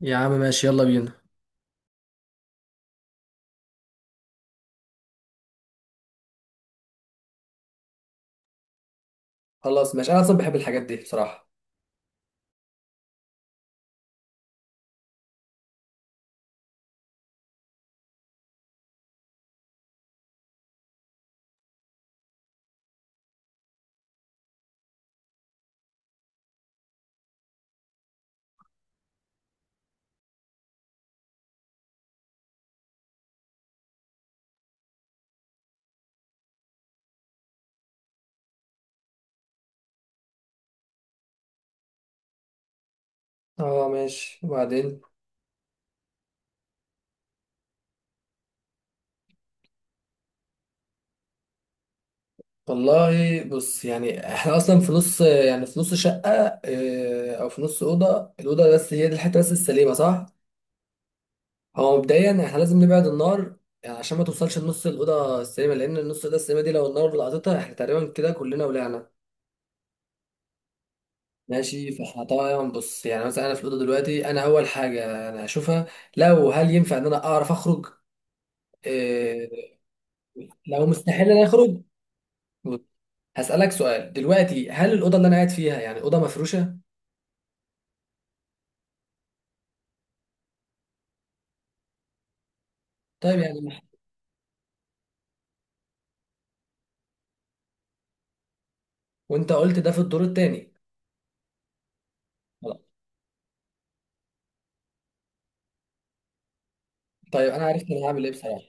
يا عم، ماشي، يلا بينا. خلاص، ماشي. انا اصلا بحب الحاجات دي بصراحه. اه ماشي، وبعدين؟ والله بص، يعني احنا اصلا في نص شقه. او في نص الاوضه بس هي دي الحته بس السليمه، صح؟ هو مبدئيا احنا لازم نبعد النار، يعني عشان ما توصلش لنص الاوضه السليمه، لان النص الاوضه السليمه دي لو النار لقطتها احنا تقريبا كده كلنا ولعنا. ماشي، فاحنا طبعا بص يعني مثلا انا في الاوضه دلوقتي، انا اول حاجه انا هشوفها هل ينفع ان انا اعرف اخرج. آه، لو مستحيل انا اخرج، بص، هسألك سؤال دلوقتي: هل الأوضة اللي أنا قاعد فيها يعني أوضة مفروشة؟ طيب يعني وأنت قلت ده في الدور التاني. خلاص. طيب أنا عرفت أنا هعمل إيه بصراحة.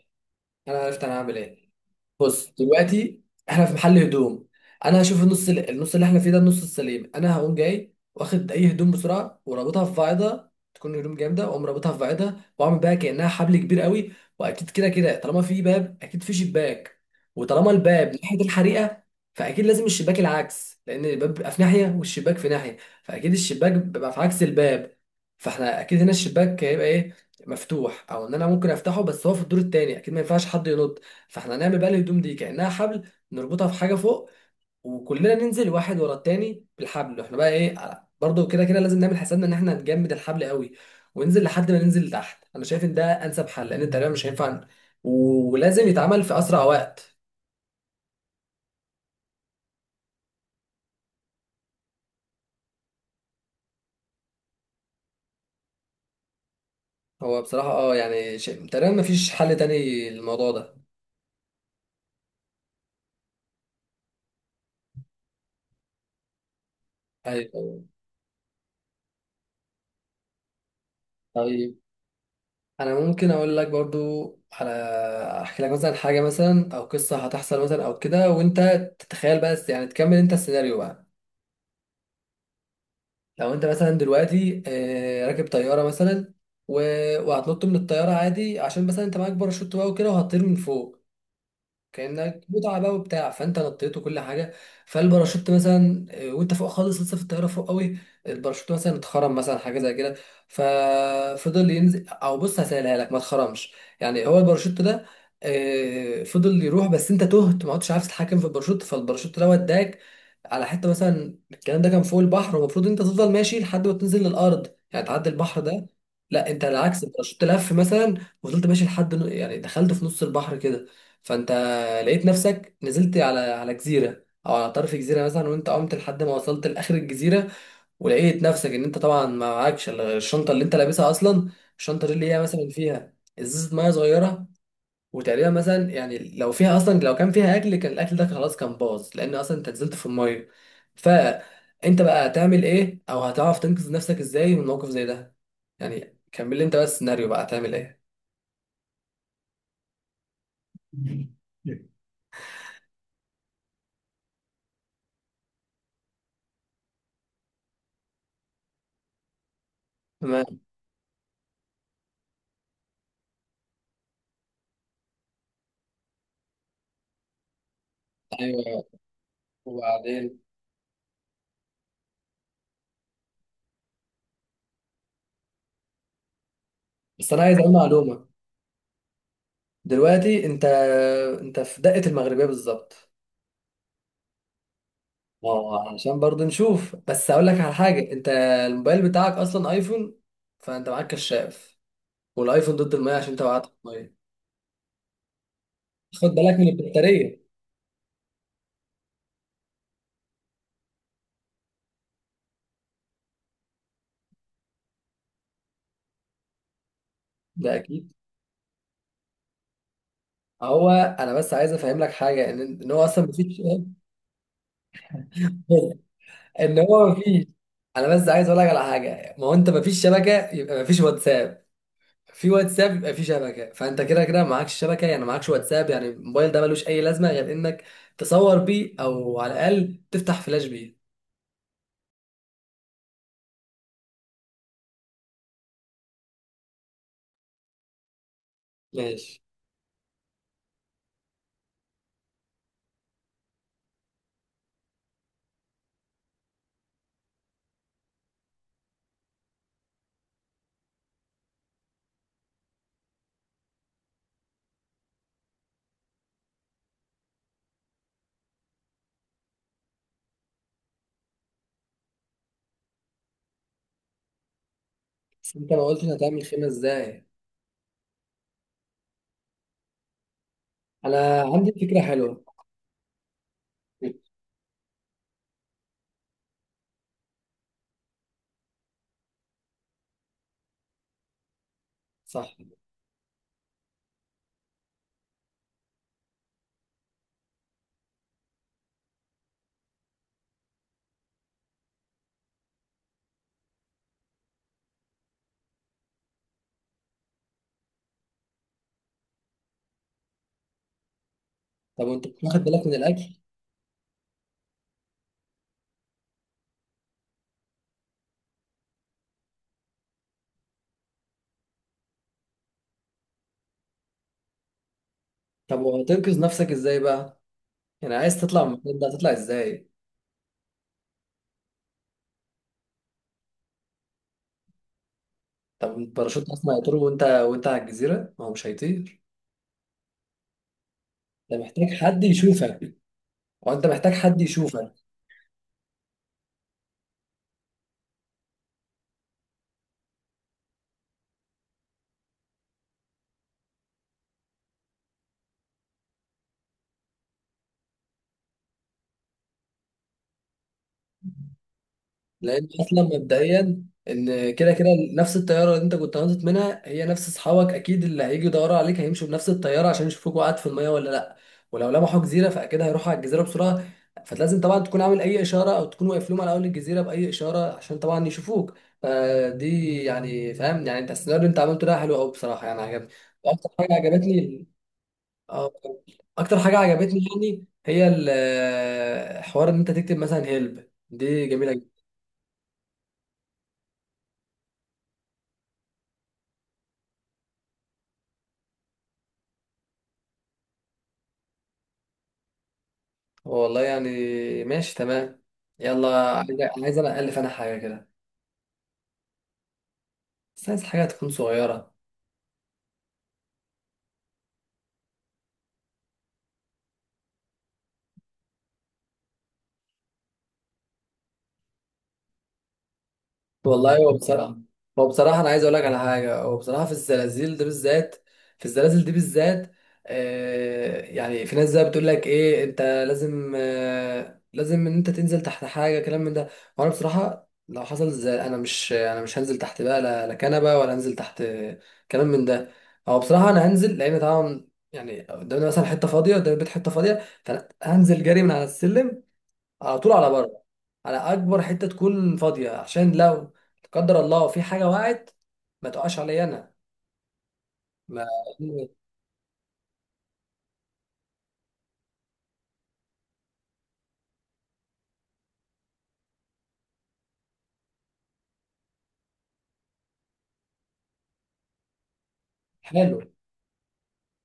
أنا عرفت أنا هعمل إيه. بص دلوقتي، احنا في محل هدوم. انا هشوف النص النص اللي احنا فيه ده، النص السليم. انا هقوم جاي واخد اي هدوم بسرعه ورابطها في فايده، تكون هدوم جامده، واقوم رابطها في فايده واعمل بقى كانها حبل كبير قوي. واكيد كده كده طالما في باب اكيد في شباك، وطالما الباب ناحيه الحريقه، فاكيد لازم الشباك العكس، لان الباب بيبقى في ناحيه والشباك في ناحيه، فاكيد الشباك بيبقى في عكس الباب. فاحنا اكيد هنا الشباك هيبقى ايه، مفتوح او ان انا ممكن افتحه، بس هو في الدور التاني اكيد ما ينفعش حد ينط. فاحنا هنعمل بقى الهدوم دي كأنها حبل نربطها في حاجة فوق، وكلنا ننزل واحد ورا التاني بالحبل. احنا بقى ايه، برضه كده كده لازم نعمل حسابنا ان احنا هنجمد الحبل قوي وننزل لحد ما ننزل لتحت. انا شايف ان ده انسب حل، لان تقريبا مش هينفع، ولازم يتعمل في اسرع وقت. هو بصراحة اه يعني شيء تقريبا مفيش حل تاني للموضوع ده. ايوه. طيب انا ممكن اقول لك برضو على احكي لك مثلا حاجة مثلا او قصة هتحصل مثلا او كده، وانت تتخيل، بس يعني تكمل انت السيناريو بقى. لو انت مثلا دلوقتي راكب طياره مثلا و... وهتنط من الطياره عادي، عشان مثلا انت معاك باراشوت بقى وكده، وهتطير من فوق كانك متعه بقى وبتاع. فانت نطيت وكل حاجه، فالباراشوت مثلا وانت فوق خالص لسه في الطياره فوق قوي، الباراشوت مثلا اتخرم، مثلا حاجه زي كده، ففضل ينزل. او بص، هسألها لك: ما اتخرمش، يعني هو الباراشوت ده فضل يروح، بس انت تهت ما عدتش عارف تتحكم في الباراشوت، فالباراشوت ده وداك على حته. مثلا الكلام ده كان فوق البحر، والمفروض انت تفضل ماشي لحد ما تنزل للارض، يعني تعدي البحر ده. لا، انت العكس، الباراشوت لف مثلا وفضلت ماشي لحد يعني دخلت في نص البحر كده. فانت لقيت نفسك نزلت على جزيره او على طرف جزيره مثلا، وانت عمت لحد ما وصلت لاخر الجزيره، ولقيت نفسك ان انت طبعا ما معكش الا الشنطه اللي انت لابسها اصلا. الشنطه دي اللي هي مثلا فيها ازازه ميه صغيره. وتقريبا مثلا، يعني لو فيها اصلا، لو كان فيها اكل كان الاكل ده خلاص كان باظ، لان اصلا انت نزلت في الميه. فانت بقى هتعمل ايه؟ او هتعرف تنقذ نفسك ازاي من موقف زي ده؟ يعني كمل لي انت بس السيناريو بقى، هتعمل ايه. تمام. ايوه، وبعدين. بس انا عايز اقول معلومه. دلوقتي انت في دقة المغربية بالظبط. اه، عشان برضه نشوف، بس هقول لك على حاجة: انت الموبايل بتاعك اصلا ايفون، فانت معاك كشاف، والايفون ضد المية، عشان انت وقعت في المية. خد بالك من البطارية. ده اكيد. هو انا بس عايز افهم لك حاجة، ان هو اصلا مفيش. ان هو مفيش. انا بس عايز اقول لك على حاجة: ما هو انت مفيش شبكة، يبقى مفيش واتساب. في واتساب يبقى في شبكه، فانت كده كده معكش شبكه، يعني معكش واتساب. يعني الموبايل ده ملوش اي لازمه غير انك تصور بيه او على الاقل تفتح فلاش بيه. ماشي. بس انت ما قلتش هتعمل خيمه ازاي. انا عندي فكره حلوه. صح. طب وانت مش واخد بالك من الاكل؟ طب وهتنقذ نفسك ازاي بقى؟ يعني عايز تطلع من المكان ده، هتطلع ازاي؟ طب الباراشوت اصلا هيطير، وانت على الجزيره ما هو مش هيطير. انت محتاج حد يشوفك، وانت محتاج حد يشوفك، لان اصلا مبدئيا ان كده كده نفس الطياره اللي انت كنت هنطت منها هي نفس اصحابك اكيد، اللي هيجي يدوروا عليك هيمشوا بنفس الطياره عشان يشوفوك وقعت في الميه ولا لا. ولو لمحوا جزيره فاكيد هيروحوا على الجزيره بسرعه. فلازم طبعا تكون عامل اي اشاره، او تكون واقف لهم على اول الجزيره باي اشاره عشان طبعا يشوفوك. فدي يعني، فاهم، يعني انت السيناريو اللي انت عملته ده حلو قوي بصراحه، يعني عجبني. واكتر حاجه عجبتني، اه، اكتر حاجه عجبتني يعني هي حوار ان انت تكتب مثلا هيلب، دي جميله. والله يعني ماشي، تمام. يلا. عايز، انا الف انا حاجه كده. بس عايز حاجه تكون صغيره. والله هو بصراحة، هو بصراحة أنا عايز أقول لك على حاجة. هو بصراحة في الزلازل ده بالذات، في الزلازل دي بالذات، يعني في ناس زي بتقول لك إيه، أنت لازم لازم إن أنت تنزل تحت حاجة، كلام من ده. وأنا بصراحة لو حصل زي، أنا مش هنزل تحت بقى، لا لا كنبة ولا هنزل تحت كلام من ده. هو بصراحة أنا هنزل، لأن طبعا يعني قدامنا مثلا حتة فاضية، قدام البيت حتة فاضية، فأنا هنزل جري من على السلم على طول على بره، على اكبر حته تكون فاضيه، عشان لو لا قدر الله في حاجه وقعت ما تقعش عليا انا ما حلو.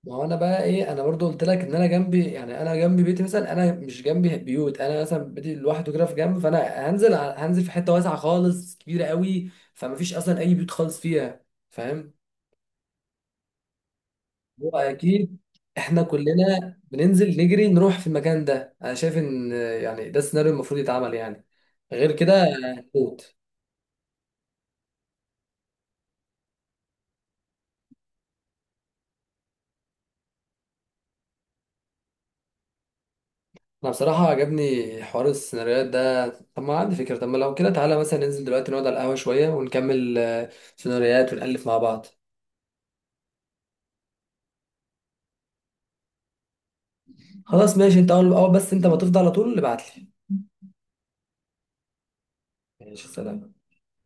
ما هو انا بقى ايه، انا برضو قلت لك ان انا جنبي، يعني انا جنبي بيتي مثلا، انا مش جنبي بيوت، انا مثلا بيتي لوحده كده في جنب، فانا هنزل هنزل في حته واسعه خالص، كبيره قوي، فما فيش اصلا اي بيوت خالص فيها، فاهم. هو اكيد احنا كلنا بننزل نجري نروح في المكان ده، انا شايف ان يعني ده السيناريو المفروض يتعمل، يعني غير كده هتموت. انا بصراحة عجبني حوار السيناريوهات ده. طب ما عندي فكرة، طب ما لو كده تعالى مثلا ننزل دلوقتي نقعد على القهوة شوية ونكمل سيناريوهات ونألف مع بعض. خلاص ماشي، انت اول اول، بس انت ما تفضى على طول ابعتلي. ماشي، سلام.